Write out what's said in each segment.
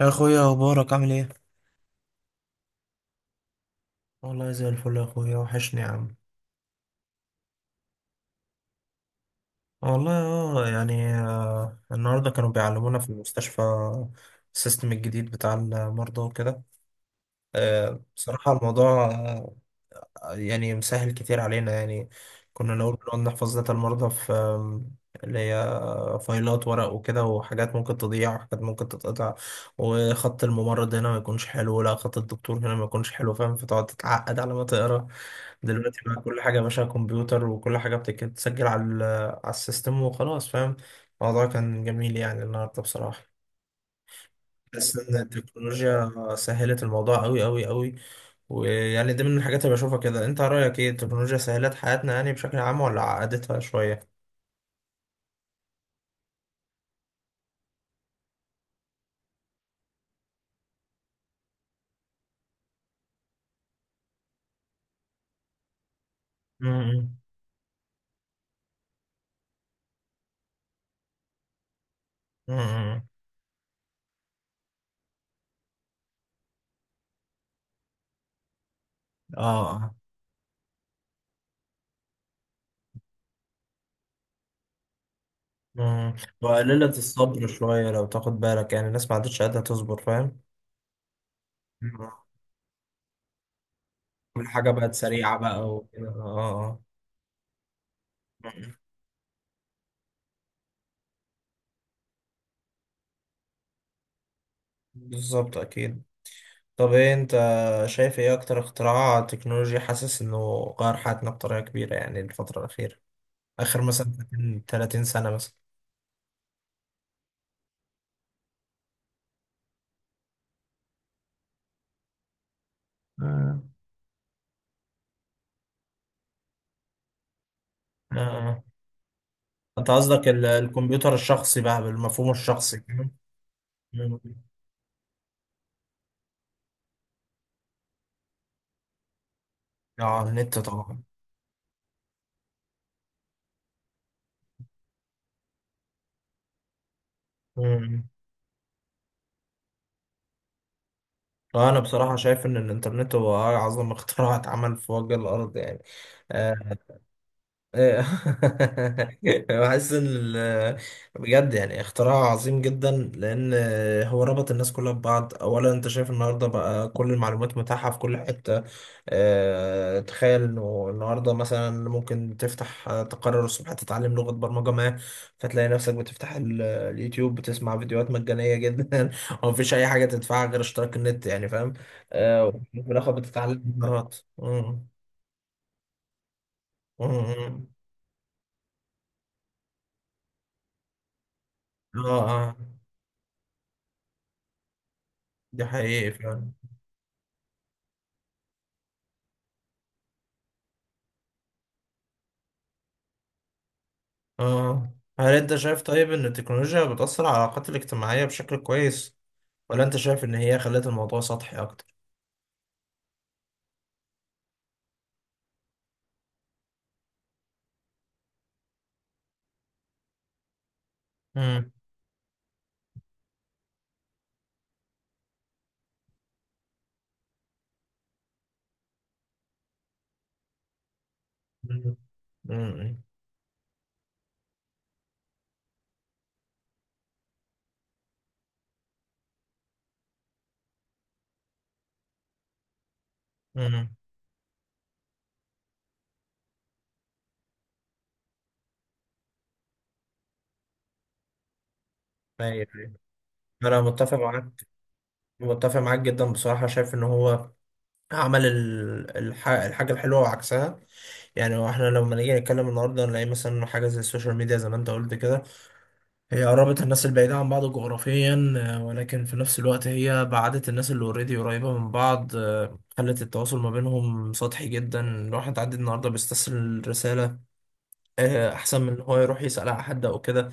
يا اخويا، اخبارك عامل ايه؟ والله زي الفل يا اخويا، وحشني يا عم. والله يعني النهارده كانوا بيعلمونا في المستشفى السيستم الجديد بتاع المرضى وكده. بصراحة الموضوع يعني مسهل كتير علينا يعني. كنا الأول بنقعد نحفظ داتا المرضى في اللي هي فايلات ورق وكده، وحاجات ممكن تضيع وحاجات ممكن تتقطع، وخط الممرض هنا ما يكونش حلو، لا خط الدكتور هنا ما يكونش حلو، فاهم؟ فتقعد تتعقد على ما تقرا. دلوقتي بقى كل حاجة يا باشا كمبيوتر، وكل حاجة بتسجل على السيستم وخلاص، فاهم. الموضوع كان جميل يعني النهاردة بصراحة، بس إن التكنولوجيا سهلت الموضوع أوي أوي أوي. ويعني دي من الحاجات اللي بشوفها كده. أنت رأيك إيه؟ التكنولوجيا سهلت حياتنا يعني بشكل عام ولا عقدتها شوية؟ مم. مم. آه. مم. وقللت الصبر شوية لو تاخد بالك، يعني الناس ما عادتش قادرة تصبر، فاهم؟ مم. كل حاجة بقت سريعة بقى وكده، آه آه. مم. بالظبط، أكيد. طب ايه انت شايف؟ ايه اكتر اختراع تكنولوجي حاسس انه غير حياتنا بطريقة كبيرة، يعني الفترة الأخيرة، آخر مثلا 30 سنة مثلا؟ آه. آه. انت قصدك الكمبيوتر الشخصي بقى، بالمفهوم الشخصي، فاهم؟ مم. اه النت طبعا. مم. انا بصراحة شايف ان الانترنت هو اعظم اختراع اتعمل في وجه الارض يعني. آه. إيه. بحس ان بجد يعني اختراع عظيم جدا، لان هو ربط الناس كلها ببعض. اولا انت شايف النهارده بقى كل المعلومات متاحه في كل حته. تخيل انه النهارده مثلا ممكن تفتح، تقرر الصبح تتعلم لغه برمجه ما، فتلاقي نفسك بتفتح اليوتيوب، بتسمع فيديوهات مجانيه جدا ومفيش اي حاجه تدفعها غير اشتراك النت يعني، فاهم؟ وفي الاخر بتتعلم مهارات. مم. مم. اه اه. دي حقيقي فعلا. اه. هل انت شايف طيب ان التكنولوجيا بتأثر على العلاقات الاجتماعية بشكل كويس، ولا انت شايف ان هي خلت الموضوع سطحي اكتر؟ امم. امم. امم. ايوه، أيوة. انا متفق معاك. متفق معاك جدا بصراحة. شايف ان هو عمل الحاجة الحلوة وعكسها. يعني هو احنا لما نيجي نتكلم النهارده، نلاقي مثلا إنه حاجة زي السوشيال ميديا، زي ما انت قلت كده، هي قربت الناس البعيدة عن بعض جغرافيا، ولكن في نفس الوقت هي بعدت الناس اللي اوريدي قريبة من بعض، خلت التواصل ما بينهم سطحي جدا. الواحد عادي النهاردة بيستسهل رسالة، أحسن من إن هو يروح يسأل على حد أو كده،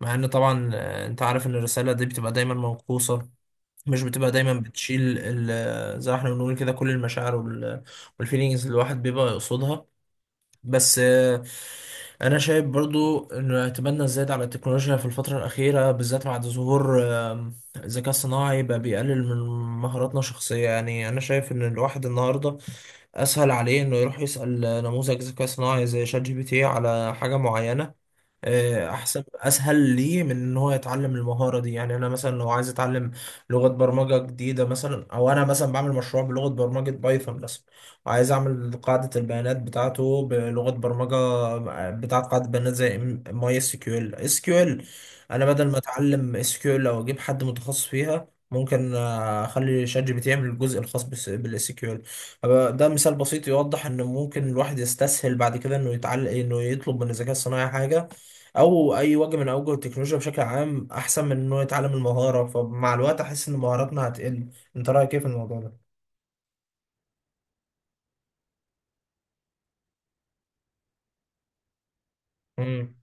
مع إن طبعا أنت عارف إن الرسالة دي بتبقى دايما موقوصة، مش بتبقى دايما بتشيل زي ما احنا بنقول كده كل المشاعر والفيلينجز اللي الواحد بيبقى يقصدها. بس انا شايف برضو ان اعتمادنا الزايد على التكنولوجيا في الفتره الاخيره، بالذات بعد ظهور الذكاء الصناعي، بقى بيقلل من مهاراتنا الشخصيه. يعني انا شايف ان الواحد النهارده اسهل عليه انه يروح يسال نموذج ذكاء صناعي زي شات جي بي تي على حاجه معينه، احسن، اسهل ليه من ان هو يتعلم المهاره دي. يعني انا مثلا لو عايز اتعلم لغه برمجه جديده مثلا، او انا مثلا بعمل مشروع بلغه برمجه بايثون مثلا، وعايز اعمل قاعده البيانات بتاعته بلغه برمجه بتاعت قاعده بيانات زي ماي اس كيو ال، اس كيو ال. انا بدل ما اتعلم اس كيو ال او اجيب حد متخصص فيها، ممكن اخلي شات جي بي تي يعمل الجزء الخاص بالاس كيو ال. ده مثال بسيط يوضح ان ممكن الواحد يستسهل بعد كده انه يتعلم، انه يطلب من الذكاء الصناعي حاجه او اي وجه من اوجه التكنولوجيا بشكل عام، احسن من انه يتعلم المهاره. فمع الوقت احس ان مهاراتنا هتقل. انت رايك ايه في الموضوع ده؟ امم.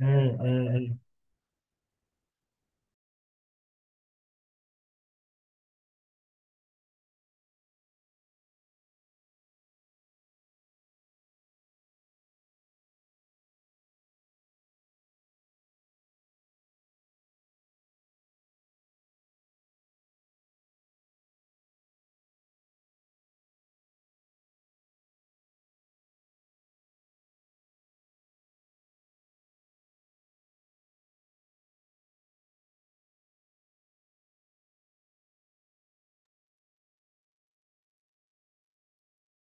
امم.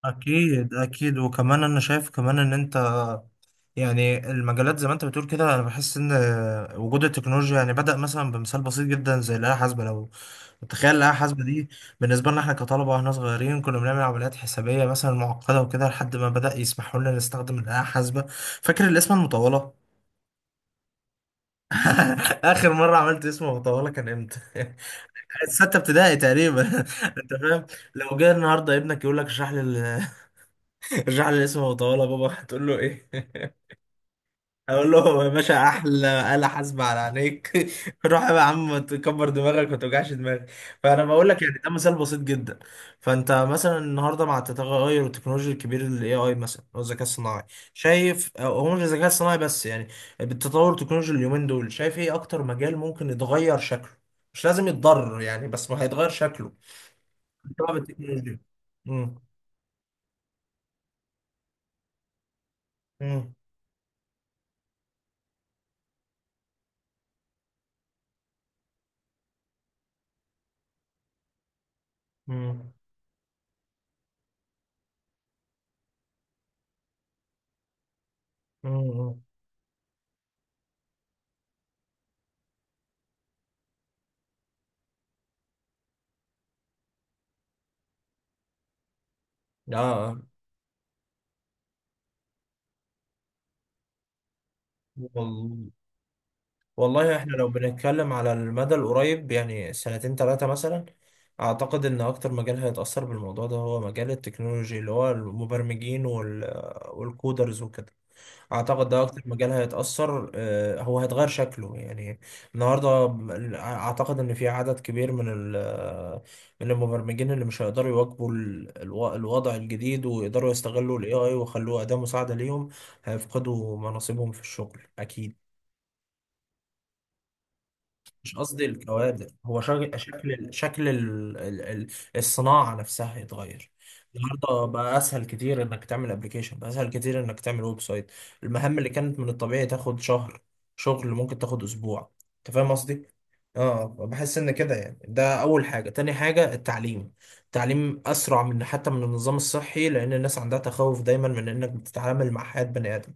اكيد، اكيد. وكمان انا شايف كمان ان انت، يعني المجالات زي ما انت بتقول كده، انا بحس ان وجود التكنولوجيا يعني بدأ مثلا بمثال بسيط جدا زي الآلة الحاسبة. لو تخيل الآلة الحاسبة دي بالنسبة لنا احنا كطلبة، واحنا صغيرين كنا بنعمل عمليات حسابية مثلا معقدة وكده، لحد ما بدأ يسمحوا لنا نستخدم الآلة الحاسبة. فاكر الاسم المطولة؟ آخر مرة عملت اسم مطولة كان امتى؟ ستة ابتدائي تقريبا. انت فاهم؟ لو جه النهارده ابنك يقول لك اشرح لي، ارجع لي اسمه وطالع بابا، هتقول له ايه؟ اقول له يا باشا احلى آلة حاسبة على عينيك. روح يا عم تكبر دماغك وما توجعش دماغك. فانا بقول لك يعني ده مثال بسيط جدا. فانت مثلا النهارده مع التغير التكنولوجي الكبير، الاي اي مثلا، او الذكاء الصناعي، شايف، أو هو مش الذكاء الصناعي بس، يعني بالتطور التكنولوجي اليومين دول، شايف ايه اكتر مجال ممكن يتغير شكله؟ مش لازم يتضرر يعني، بس ما هيتغير شكله بسبب التكنولوجيا. امم. امم. امم. امم. إمم. اه. آه. وال- والله احنا لو بنتكلم على المدى القريب، يعني سنتين ثلاثة مثلا، اعتقد ان اكتر مجال هيتأثر بالموضوع ده هو مجال التكنولوجي، اللي هو المبرمجين والكودرز وكده. اعتقد ده اكتر مجال هيتأثر، هو هيتغير شكله يعني. النهاردة اعتقد ان في عدد كبير من المبرمجين اللي مش هيقدروا يواكبوا الوضع الجديد، ويقدروا يستغلوا الاي اي ويخلوه أداة مساعدة ليهم. هيفقدوا مناصبهم في الشغل اكيد. مش قصدي الكوادر، هو شكل الصناعة نفسها يتغير. النهارده بقى اسهل كتير انك تعمل ابلكيشن، بقى اسهل كتير انك تعمل ويب سايت. المهام اللي كانت من الطبيعي تاخد شهر شغل، ممكن تاخد اسبوع. انت فاهم قصدي؟ اه، بحس ان كده يعني. ده اول حاجة. تاني حاجة، التعليم. التعليم اسرع من، حتى من النظام الصحي، لان الناس عندها تخوف دايما من انك بتتعامل مع حياة بني ادم،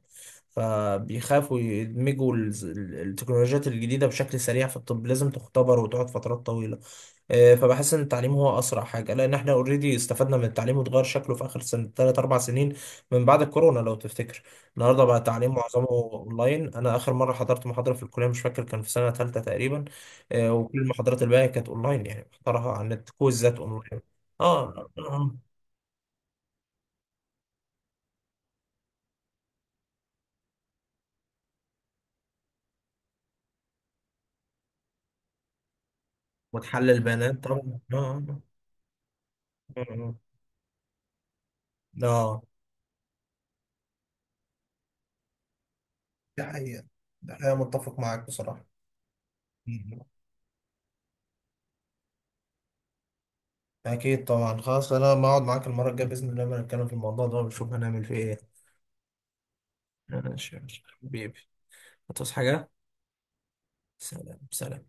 فبيخافوا يدمجوا التكنولوجيات الجديدة بشكل سريع. في الطب لازم تختبر وتقعد فترات طويلة. فبحس إن التعليم هو أسرع حاجة، لأن إحنا أوريدي استفدنا من التعليم وتغير شكله في آخر سنة تلات أربع سنين، من بعد الكورونا لو تفتكر. النهاردة بقى التعليم معظمه أونلاين. أنا آخر مرة حضرت محاضرة في الكلية مش فاكر، كان في سنة تالتة تقريبا. وكل المحاضرات الباقية كانت أونلاين، يعني محضرها عن النت، كويزات أونلاين. آه. آه، آه. وتحلل بيانات طبعا، آه. آه. آه. آه. آه. ده حقيقة. ده حقيقة، متفق معاك بصراحة. مم. أكيد طبعا. خلاص أنا بقعد معاك المرة الجاية بإذن الله لما نتكلم في الموضوع ده، ونشوف هنعمل فيه إيه. ماشي يا باشا. حبيبي، هتصحى حاجة؟ سلام سلام.